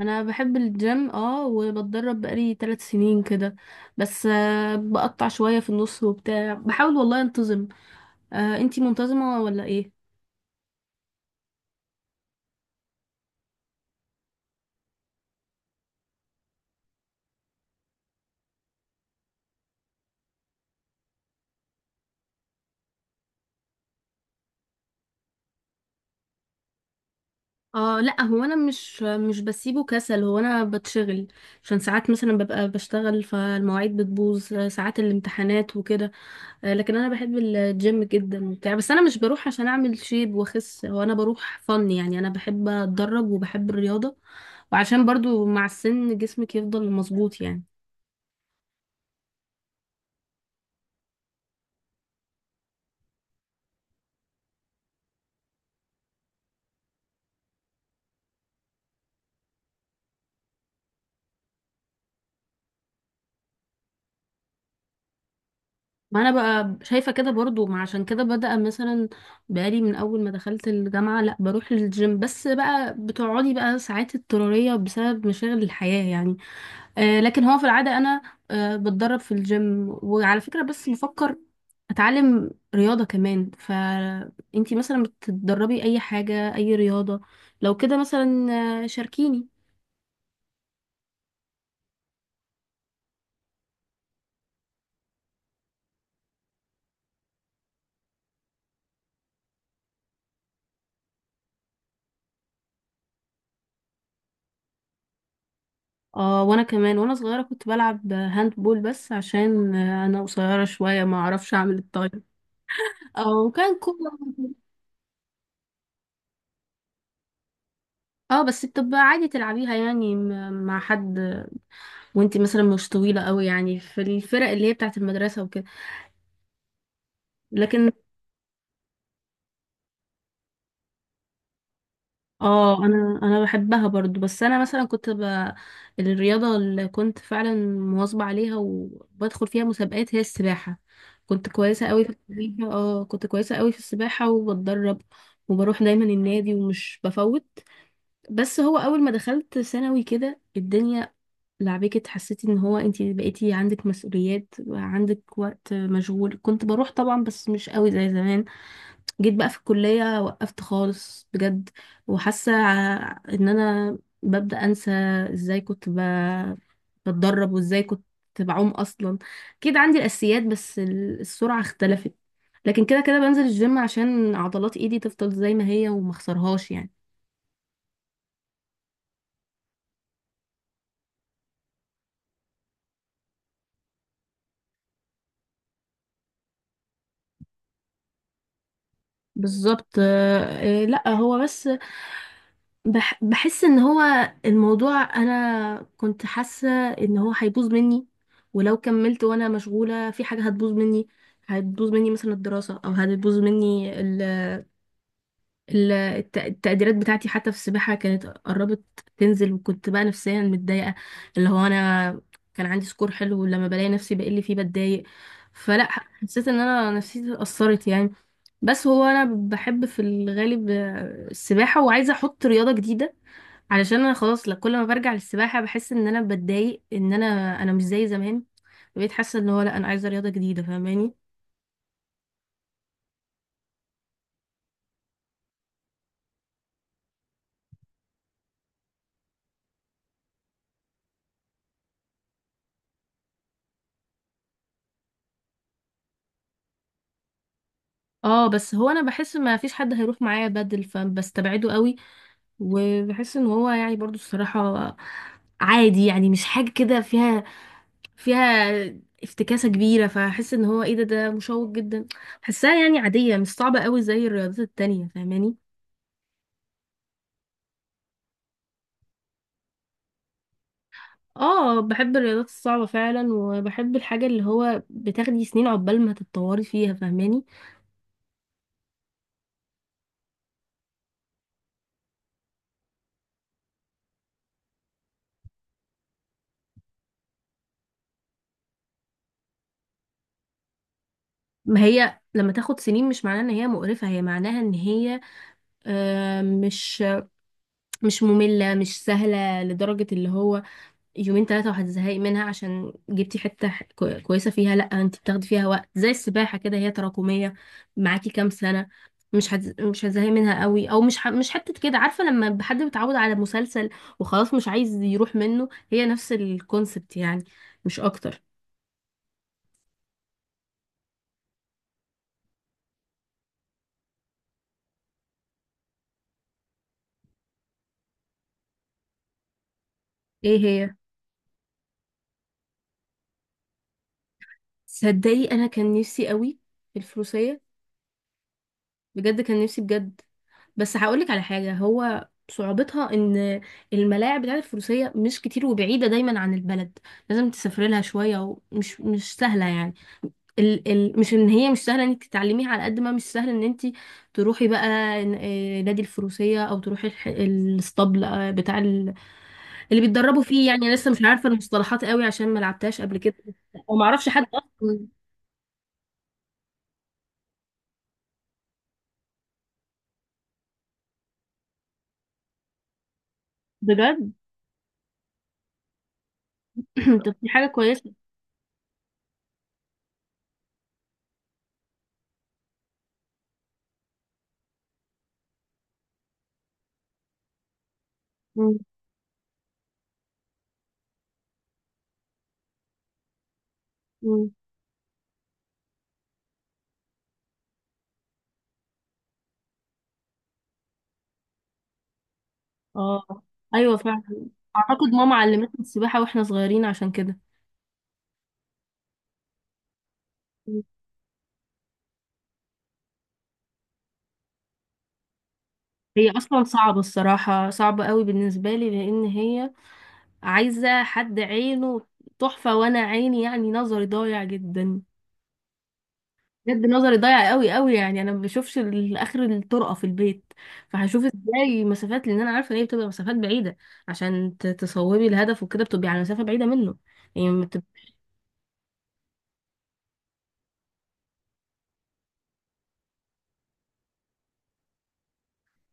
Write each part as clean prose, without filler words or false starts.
انا بحب الجيم وبتدرب بقالي 3 سنين كده. بس بقطع شوية في النص وبتاع، بحاول والله انتظم. انتي منتظمة ولا ايه؟ اه، لا هو انا مش بسيبه كسل، هو انا بتشغل عشان ساعات مثلا ببقى بشتغل فالمواعيد بتبوظ، ساعات الامتحانات وكده. لكن انا بحب الجيم جدا وبتاع، بس انا مش بروح عشان اعمل شيب واخس، هو انا بروح فن يعني، انا بحب اتدرب وبحب الرياضة، وعشان برضو مع السن جسمك يفضل مظبوط يعني. ما انا بقى شايفه كده برضو، ما عشان كده بدأ مثلا بقالي من اول ما دخلت الجامعه لا بروح للجيم، بس بقى بتقعدي بقى ساعات اضطراريه بسبب مشاغل الحياه يعني. لكن هو في العاده انا بتدرب في الجيم، وعلى فكره بس بفكر اتعلم رياضه كمان. فانتي مثلا بتتدربي اي حاجه، اي رياضه لو كده مثلا؟ شاركيني. اه وانا كمان وانا صغيره كنت بلعب هاند بول، بس عشان انا قصيره شويه ما اعرفش اعمل الطايره او كان كورة. اه بس بتبقى عادي تلعبيها يعني مع حد، وانتي مثلا مش طويلة قوي يعني في الفرق اللي هي بتاعت المدرسة وكده. لكن اه، انا بحبها برضو، بس انا مثلا كنت الرياضة اللي كنت فعلا مواظبة عليها وبدخل فيها مسابقات هي السباحة. كنت كويسة قوي في السباحة، اه كنت كويسة قوي في السباحة وبتدرب، وبروح دايما النادي ومش بفوت. بس هو اول ما دخلت ثانوي كده الدنيا لعبكت، حسيتي ان هو انتي بقيتي عندك مسؤوليات وعندك وقت مشغول، كنت بروح طبعا بس مش قوي زي زمان. جيت بقى في الكلية وقفت خالص بجد، وحاسة ان انا ببدأ انسى ازاي كنت بتدرب، وازاي كنت بعوم اصلا. اكيد عندي الاساسيات، بس السرعة اختلفت. لكن كده كده بنزل الجيم عشان عضلات ايدي تفضل زي ما هي وما اخسرهاش يعني. بالظبط لا هو بس بحس ان هو الموضوع، انا كنت حاسه ان هو هيبوظ مني، ولو كملت وانا مشغوله في حاجه هتبوظ مني، هتبوظ مني مثلا الدراسه، او هتبوظ مني التقديرات بتاعتي. حتى في السباحه كانت قربت تنزل، وكنت بقى نفسيا متضايقه اللي هو انا كان عندي سكور حلو، ولما بلاقي نفسي بقل فيه بتضايق. فلا حسيت ان انا نفسيتي اتاثرت يعني. بس هو انا بحب في الغالب السباحه، وعايزه احط رياضه جديده، علشان انا خلاص لا، كل ما برجع للسباحه بحس ان انا بتضايق ان انا انا مش زي زمان. بقيت حاسه ان هو لا، انا عايزه رياضه جديده، فاهماني؟ اه بس هو انا بحس ما فيش حد هيروح معايا بدل فبستبعده قوي. وبحس ان هو يعني برضو الصراحه عادي يعني، مش حاجه كده فيها فيها افتكاسه كبيره، فاحس ان هو ايه ده، ده مشوق جدا. بحسها يعني عاديه، مش صعبه قوي زي الرياضات التانية، فاهماني؟ اه بحب الرياضات الصعبة فعلا، وبحب الحاجة اللي هو بتاخدي سنين عقبال ما تتطوري فيها، فاهماني؟ ما هي لما تاخد سنين مش معناها ان هي مقرفة، هي معناها ان هي مش مش مملة، مش سهلة لدرجة اللي هو يومين ثلاثة وهتزهقي منها عشان جبتي حتة كويسة فيها. لأ انت بتاخدي فيها وقت زي السباحة كده، هي تراكمية معاكي كام سنة، مش هتزهقي منها قوي، او مش حتة كده. عارفة لما حد بيتعود على مسلسل وخلاص مش عايز يروح منه، هي نفس الكونسبت يعني، مش اكتر. ايه هي؟ صدقي انا كان نفسي قوي في الفروسية، بجد كان نفسي بجد. بس هقولك على حاجة، هو صعوبتها ان الملاعب بتاعت الفروسية مش كتير وبعيدة دايما عن البلد، لازم تسافري لها شوية، ومش مش سهلة يعني. ال ال مش ان هي مش سهلة انك تتعلميها، على قد ما مش سهل ان انت تروحي بقى نادي الفروسية، او تروحي الاسطبل بتاع اللي بيتدربوا فيه يعني. أنا لسه مش عارفة المصطلحات قوي عشان ما لعبتهاش قبل كده، وما اعرفش حد اصلا، بجد. طب دي حاجة كويسة. مم. اه، ايوه فعلا. اعتقد ماما علمتنا السباحه واحنا صغيرين عشان كده. هي اصلا صعبه الصراحه، صعبه قوي بالنسبه لي، لان هي عايزه حد عينه تحفه، وانا عيني يعني نظري ضايع جدا، بجد نظري ضايع قوي قوي. يعني انا ما بشوفش اخر الطرقه في البيت، فهشوف ازاي مسافات، لان انا عارفه ان هي بتبقى مسافات بعيده عشان تصوبي الهدف، وكده بتبقي على مسافه بعيده منه يعني.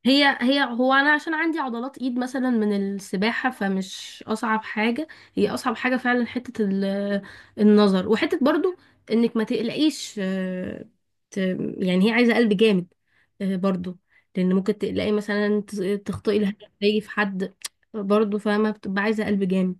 هي هي هو انا عشان عندي عضلات ايد مثلا من السباحه، فمش اصعب حاجه، هي اصعب حاجه فعلا حته النظر، وحته برضو انك ما تقلقيش ت- يعني هي عايزه قلب جامد برضو، لان ممكن تقلقي مثلا تخطئي الهدف تيجي في حد. برضو فما بتبقى عايزه قلب جامد.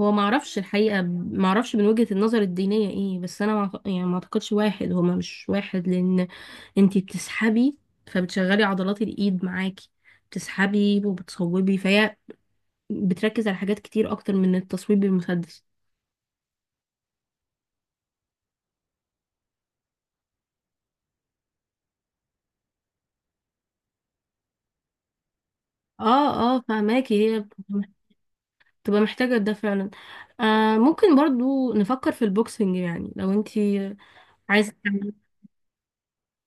هو ما اعرفش الحقيقه، ما اعرفش من وجهه النظر الدينيه ايه، بس انا ما أعت- يعني ما اعتقدش واحد، هو مش واحد، لان انتي بتسحبي فبتشغلي عضلات الايد معاكي، بتسحبي وبتصوبي، فهي بتركز على حاجات كتير اكتر من التصويب بالمسدس. اه اه فهماكي، هي بتبقى محتاجة ده فعلا. آه ممكن برضو نفكر في البوكسنج يعني، لو انتي عايزة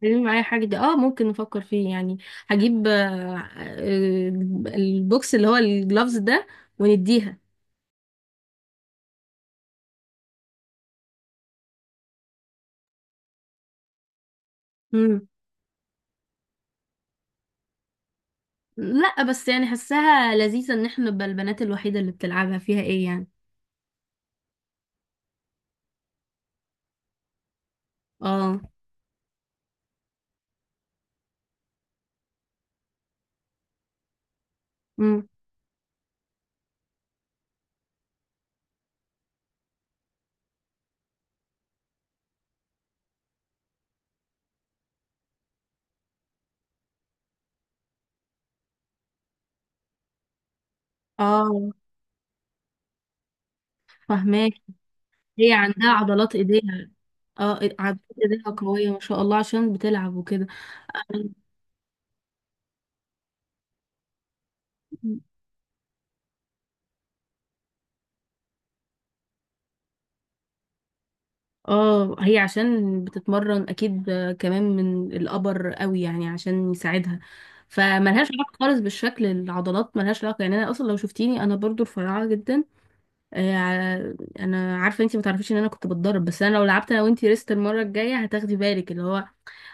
تعملي معايا حاجة دي، اه ممكن نفكر فيه يعني. هجيب البوكس اللي هو الجلافز ده، ونديها. مم. لا بس يعني حاساها لذيذة ان احنا نبقى البنات الوحيدة اللي بتلعبها، فيها ايه يعني؟ اه. امم، اه فهماك. هي عندها عضلات ايديها، اه عضلات ايديها قوية ما شاء الله عشان بتلعب وكده. اه هي عشان بتتمرن اكيد، كمان من الابر قوي يعني عشان يساعدها. فملهاش علاقة خالص بالشكل، العضلات ملهاش علاقة يعني. انا اصلا لو شفتيني انا برضو رفيعة جدا، آه، ع- انا عارفة انتي ما تعرفيش ان انا كنت بتضرب. بس انا لو لعبت انا وانتي ريست المرة الجاية هتاخدي بالك، اللي هو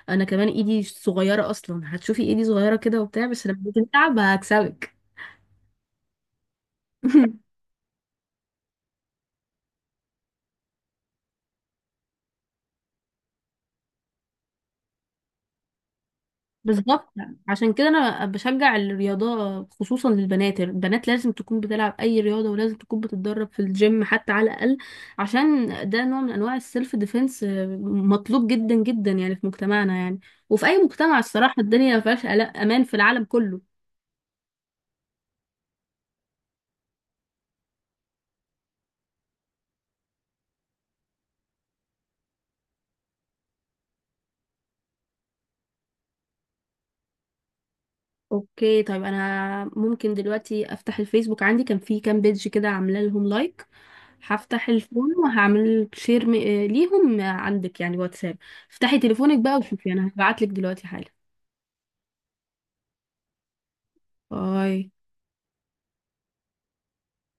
انا كمان ايدي صغيره اصلا، هتشوفي ايدي صغيره كده وبتاع، بس لما تتعب هكسبك. بالظبط. عشان كده انا بشجع الرياضه خصوصا للبنات، البنات لازم تكون بتلعب اي رياضه، ولازم تكون بتتدرب في الجيم حتى على الاقل، عشان ده نوع من انواع السيلف ديفense، مطلوب جدا جدا يعني في مجتمعنا يعني، وفي اي مجتمع الصراحه، الدنيا ما فيهاش امان في العالم كله. اوكي طيب انا ممكن دلوقتي افتح الفيسبوك، عندي كان في كام بيج كده عامله لهم لايك، هفتح الفون وهعمل شير م... آه، ليهم عندك يعني واتساب. افتحي تليفونك بقى وشوفي، انا هبعت لك دلوقتي حالا. باي.